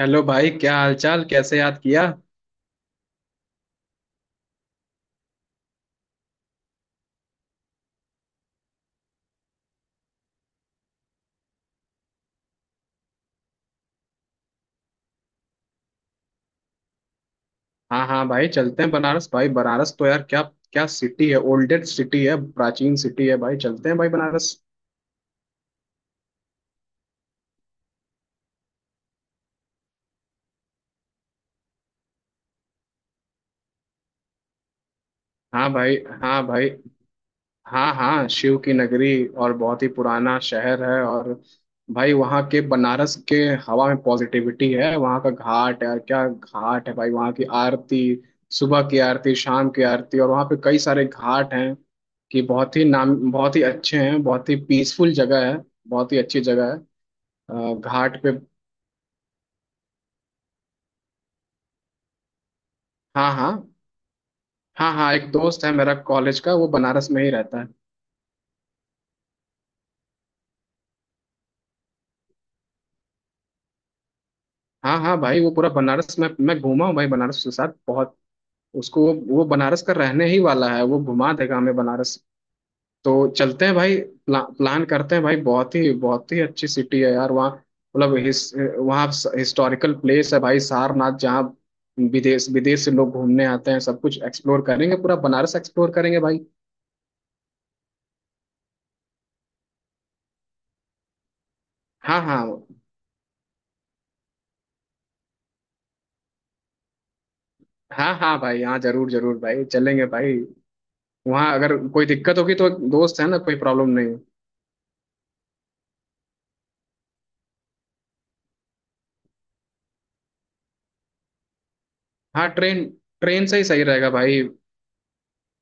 Hello भाई, क्या हालचाल? कैसे याद किया? हाँ हाँ भाई, चलते हैं बनारस। भाई, बनारस तो यार, क्या क्या सिटी है! ओल्डेस्ट सिटी है, प्राचीन सिटी है भाई। चलते हैं भाई बनारस। हाँ भाई। हाँ भाई। हाँ हाँ, शिव की नगरी और बहुत ही पुराना शहर है। और भाई, वहाँ के बनारस के हवा में पॉजिटिविटी है। वहाँ का घाट है, और क्या घाट है भाई! वहाँ की आरती, सुबह की आरती, शाम की आरती, और वहाँ पे कई सारे घाट हैं कि बहुत ही नाम बहुत ही अच्छे हैं। बहुत ही पीसफुल जगह है, बहुत ही अच्छी जगह है। घाट पे। हाँ हाँ। हाँ हाँ, एक दोस्त है मेरा कॉलेज का, वो बनारस में ही रहता है। हाँ हाँ भाई, वो पूरा बनारस में मैं घूमा हूँ भाई। बनारस के साथ बहुत, उसको वो बनारस का रहने ही वाला है, वो घुमा देगा हमें बनारस। तो चलते हैं भाई, प्लान करते हैं भाई। बहुत ही अच्छी सिटी है यार वहाँ। मतलब वहाँ हिस्टोरिकल प्लेस है भाई, सारनाथ जहाँ विदेश विदेश से लोग घूमने आते हैं। सब कुछ एक्सप्लोर करेंगे, पूरा बनारस एक्सप्लोर करेंगे भाई। हाँ हाँ। हाँ हाँ भाई, हाँ जरूर जरूर भाई, चलेंगे भाई। वहाँ अगर कोई दिक्कत होगी तो दोस्त है ना, कोई प्रॉब्लम नहीं। हाँ, ट्रेन ट्रेन से ही सही रहेगा भाई।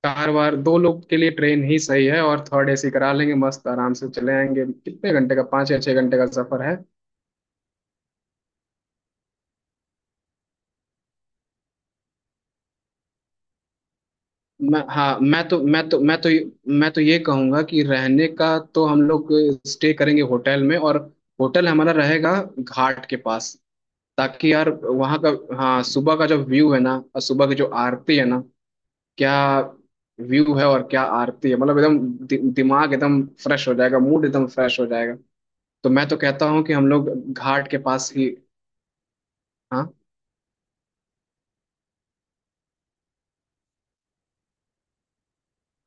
कार वार दो लोग के लिए ट्रेन ही सही है, और थर्ड एसी करा लेंगे, मस्त आराम से चले आएंगे। कितने घंटे का? 5 या 6 घंटे का सफर है। मैं तो मैं तो ये कहूंगा कि रहने का तो हम लोग स्टे करेंगे होटल में, और होटल हमारा रहेगा घाट के पास। ताकि यार, वहाँ का, हाँ, सुबह का जो व्यू है ना, और सुबह की जो आरती है ना, क्या व्यू है और क्या आरती है! मतलब एकदम दिमाग एकदम फ्रेश हो जाएगा, मूड एकदम फ्रेश हो जाएगा। तो मैं तो कहता हूँ कि हम लोग घाट के पास ही। हाँ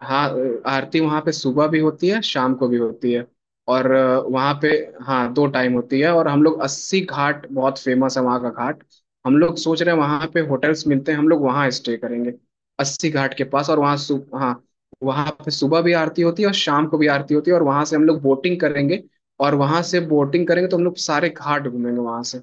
हाँ, आरती वहाँ पे सुबह भी होती है, शाम को भी होती है। और वहाँ पे, हाँ, दो टाइम होती है। और हम लोग अस्सी घाट, बहुत फेमस है वहाँ का घाट। हम लोग सोच रहे हैं वहाँ पे होटल्स मिलते हैं, हम लोग वहाँ स्टे करेंगे अस्सी घाट के पास। और वहाँ सु हाँ, वहाँ पे सुबह भी आरती होती है और शाम को भी आरती होती है। और वहाँ से हम लोग बोटिंग करेंगे, और वहाँ से बोटिंग करेंगे तो हम लोग सारे घाट घूमेंगे वहाँ से।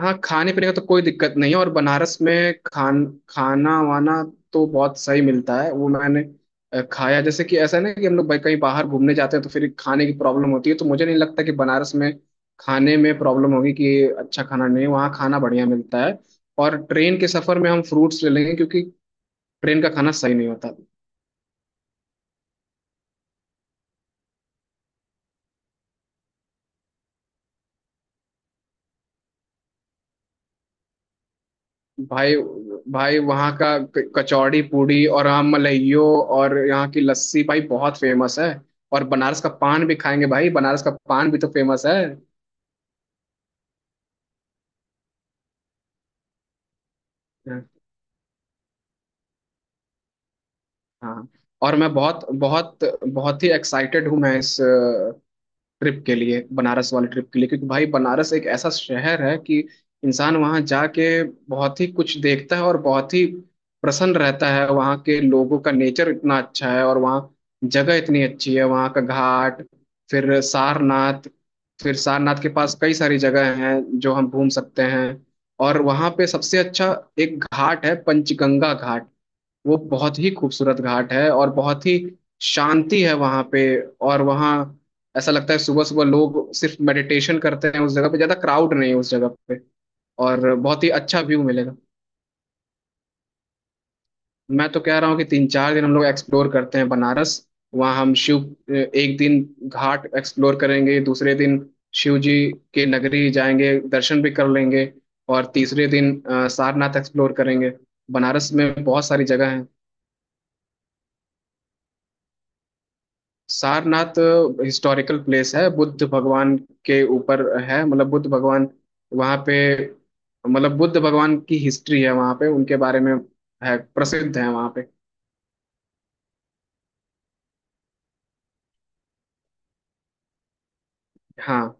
हाँ, खाने पीने का तो कोई दिक्कत नहीं है। और बनारस में खाना वाना तो बहुत सही मिलता है। वो मैंने खाया, जैसे कि ऐसा ना कि हम लोग भाई कहीं बाहर घूमने जाते हैं तो फिर खाने की प्रॉब्लम होती है, तो मुझे नहीं लगता कि बनारस में खाने में प्रॉब्लम होगी कि अच्छा खाना नहीं है। वहाँ खाना बढ़िया मिलता है। और ट्रेन के सफर में हम फ्रूट्स ले लेंगे, क्योंकि ट्रेन का खाना सही नहीं होता। भाई, भाई वहाँ का कचौड़ी पूड़ी, और वहाँ मलाइयो, और यहाँ की लस्सी भाई बहुत फेमस है। और बनारस का पान भी खाएंगे भाई, बनारस का पान भी तो फेमस है। हाँ, और मैं बहुत बहुत बहुत ही एक्साइटेड हूँ मैं इस ट्रिप के लिए, बनारस वाले ट्रिप के लिए। क्योंकि भाई बनारस एक ऐसा शहर है कि इंसान वहाँ जाके बहुत ही कुछ देखता है और बहुत ही प्रसन्न रहता है। वहाँ के लोगों का नेचर इतना अच्छा है, और वहाँ जगह इतनी अच्छी है, वहाँ का घाट, फिर सारनाथ, फिर सारनाथ के पास कई सारी जगह हैं जो हम घूम सकते हैं। और वहाँ पे सबसे अच्छा एक घाट है, पंचगंगा घाट, वो बहुत ही खूबसूरत घाट है और बहुत ही शांति है वहां पे। और वहाँ ऐसा लगता है सुबह सुबह लोग सिर्फ मेडिटेशन करते हैं उस जगह पे, ज्यादा क्राउड नहीं है उस जगह पे, और बहुत ही अच्छा व्यू मिलेगा। मैं तो कह रहा हूँ कि 3-4 दिन हम लोग एक्सप्लोर करते हैं बनारस। वहाँ हम शिव, एक दिन घाट एक्सप्लोर करेंगे, दूसरे दिन शिव जी के नगरी जाएंगे दर्शन भी कर लेंगे, और तीसरे दिन सारनाथ एक्सप्लोर करेंगे। बनारस में बहुत सारी जगह है। सारनाथ हिस्टोरिकल प्लेस है, बुद्ध भगवान के ऊपर है, मतलब बुद्ध भगवान वहाँ पे, मतलब बुद्ध भगवान की हिस्ट्री है वहाँ पे, उनके बारे में है, प्रसिद्ध है वहाँ पे। हाँ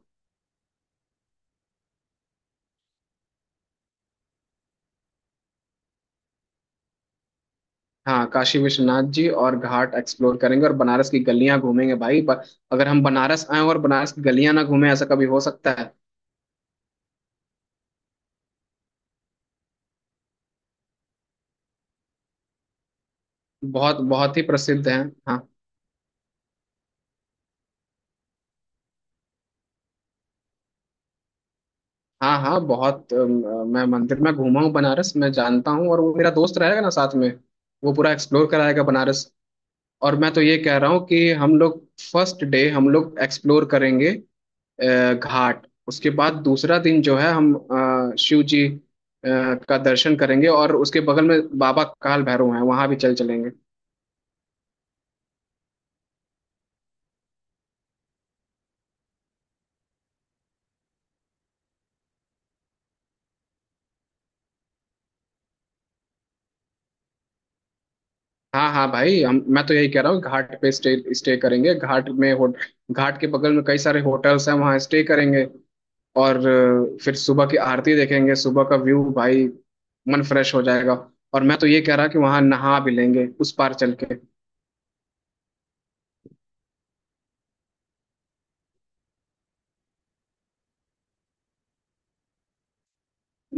हाँ, काशी विश्वनाथ जी और घाट एक्सप्लोर करेंगे, और बनारस की गलियाँ घूमेंगे भाई। अगर हम बनारस आए और बनारस की गलियाँ ना घूमें, ऐसा कभी हो सकता है? बहुत बहुत ही प्रसिद्ध है। हाँ हाँ हाँ, बहुत मैं मंदिर में घूमा हूँ बनारस, मैं जानता हूँ, और वो मेरा दोस्त रहेगा ना साथ में, वो पूरा एक्सप्लोर कराएगा बनारस। और मैं तो ये कह रहा हूँ कि हम लोग फर्स्ट डे हम लोग एक्सप्लोर करेंगे घाट, उसके बाद दूसरा दिन जो है हम शिव जी का दर्शन करेंगे, और उसके बगल में बाबा काल भैरव हैं वहां भी चल चलेंगे हाँ हाँ भाई, हम, मैं तो यही कह रहा हूँ घाट पे स्टे स्टे करेंगे। घाट में हो, घाट के बगल में कई सारे होटल्स हैं, वहाँ स्टे करेंगे। और फिर सुबह की आरती देखेंगे, सुबह का व्यू भाई, मन फ्रेश हो जाएगा। और मैं तो ये कह रहा कि वहाँ नहा भी लेंगे उस पार चल के।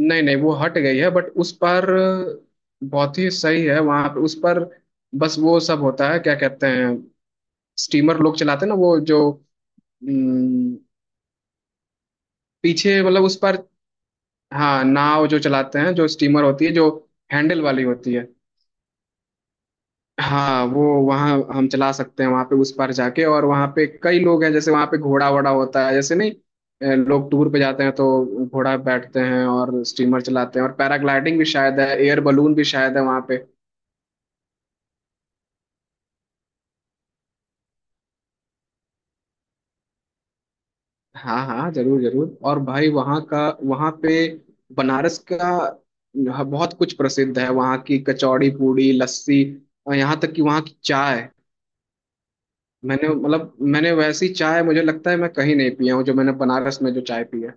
नहीं नहीं, वो हट गई है, बट उस पर बहुत ही सही है वहां पर। उस पर बस वो सब होता है, क्या कहते हैं, स्टीमर लोग चलाते हैं ना वो जो, हम्म, पीछे, मतलब उस पर, हाँ, नाव जो चलाते हैं, जो स्टीमर होती है, जो हैंडल वाली होती है। हाँ, वो वहाँ हम चला सकते हैं, वहाँ पे उस पार जाके। और वहाँ पे कई लोग हैं, जैसे वहाँ पे घोड़ा वोड़ा होता है, जैसे नहीं, लोग टूर पे जाते हैं तो घोड़ा पे बैठते हैं, और स्टीमर चलाते हैं, और पैराग्लाइडिंग भी शायद है, एयर बलून भी शायद है वहाँ पे। हाँ हाँ जरूर जरूर, और भाई वहाँ का, वहाँ पे बनारस का बहुत कुछ प्रसिद्ध है। वहाँ की कचौड़ी पूड़ी लस्सी, और यहाँ तक कि वहाँ की चाय। मैंने, मतलब मैंने वैसी चाय मुझे लगता है मैं कहीं नहीं पिया हूँ जो मैंने बनारस में जो चाय पी है।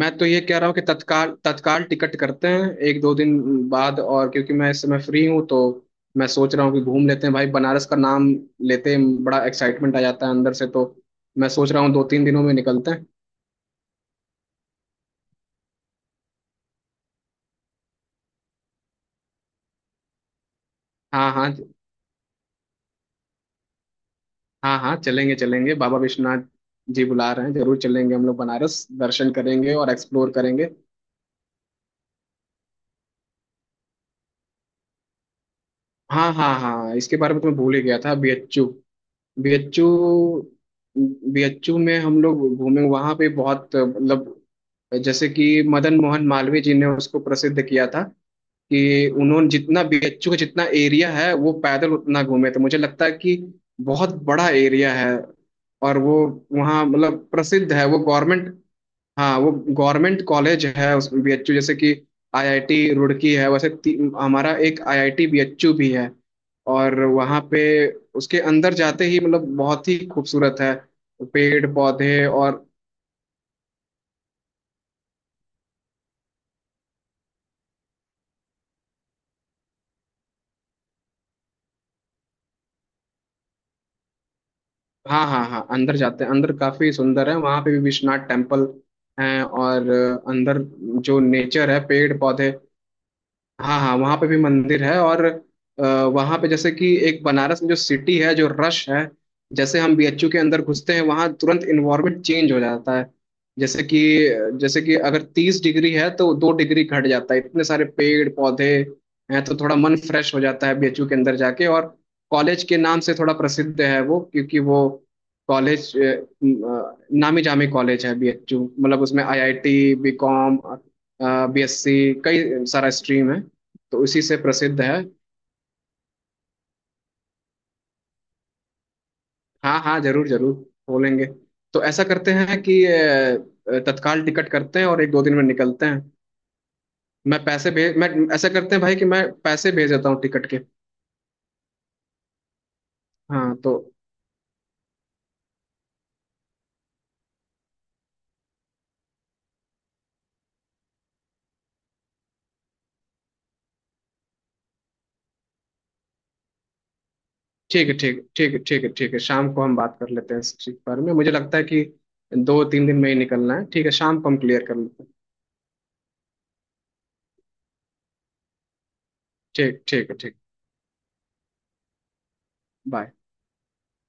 मैं तो ये कह रहा हूँ कि तत्काल तत्काल टिकट करते हैं 1-2 दिन बाद। और क्योंकि मैं इस समय फ्री हूँ, तो मैं सोच रहा हूँ कि घूम लेते हैं भाई। बनारस का नाम लेते ही बड़ा एक्साइटमेंट आ जाता है अंदर से, तो मैं सोच रहा हूँ 2-3 दिनों में निकलते हैं। हाँ हाँ। हाँ हाँ, चलेंगे चलेंगे, बाबा विश्वनाथ जी बुला रहे हैं, जरूर चलेंगे हम लोग बनारस दर्शन करेंगे और एक्सप्लोर करेंगे। हाँ हाँ हाँ, इसके बारे में तो मैं भूल ही गया था, बीएचयू। बीएचयू, बीएचयू में हम लोग घूमे वहां पे बहुत, मतलब जैसे कि मदन मोहन मालवीय जी ने उसको प्रसिद्ध किया था, कि उन्होंने जितना बीएचयू का जितना एरिया है वो पैदल उतना घूमे। तो मुझे लगता है कि बहुत बड़ा एरिया है। और वो वहाँ मतलब प्रसिद्ध है वो गवर्नमेंट, हाँ, वो गवर्नमेंट कॉलेज है, उसमें बीएचयू जैसे कि आईआईटी रुड़की है, वैसे हमारा एक आईआईटी बीएचयू भी है। और वहाँ पे उसके अंदर जाते ही मतलब बहुत ही खूबसूरत है, पेड़ पौधे और, हाँ हाँ हाँ, अंदर जाते हैं अंदर, काफी सुंदर है। वहाँ पे भी विश्वनाथ टेम्पल है, और अंदर जो नेचर है, पेड़ पौधे। हाँ हाँ, वहाँ पे भी मंदिर है। और वहाँ पे जैसे कि एक बनारस में जो सिटी है जो रश है, जैसे हम बीएचयू के अंदर घुसते हैं वहाँ तुरंत इन्वायरमेंट चेंज हो जाता है। जैसे कि, जैसे कि अगर 30 डिग्री है तो 2 डिग्री घट जाता है, इतने सारे पेड़ पौधे हैं, तो थोड़ा मन फ्रेश हो जाता है बीएचयू के अंदर जाके। और कॉलेज के नाम से थोड़ा प्रसिद्ध है वो, क्योंकि वो कॉलेज नामी जामी कॉलेज है बीएचयू, मतलब उसमें आईआईटी, बीकॉम, बीएससी, कई सारा स्ट्रीम है, तो उसी से प्रसिद्ध है। हाँ हाँ जरूर जरूर, बोलेंगे। तो ऐसा करते हैं कि तत्काल टिकट करते हैं और 1-2 दिन में निकलते हैं। मैं पैसे भेज मैं, ऐसा करते हैं भाई कि मैं पैसे भेज देता हूँ टिकट के। हाँ तो, ठीक है ठीक है ठीक है ठीक है ठीक है, शाम को हम बात कर लेते हैं इस चीज के बारे में। मुझे लगता है कि 2-3 दिन में ही निकलना है। ठीक है, शाम को हम क्लियर कर लेते हैं। ठीक, ठीक है, ठीक, बाय।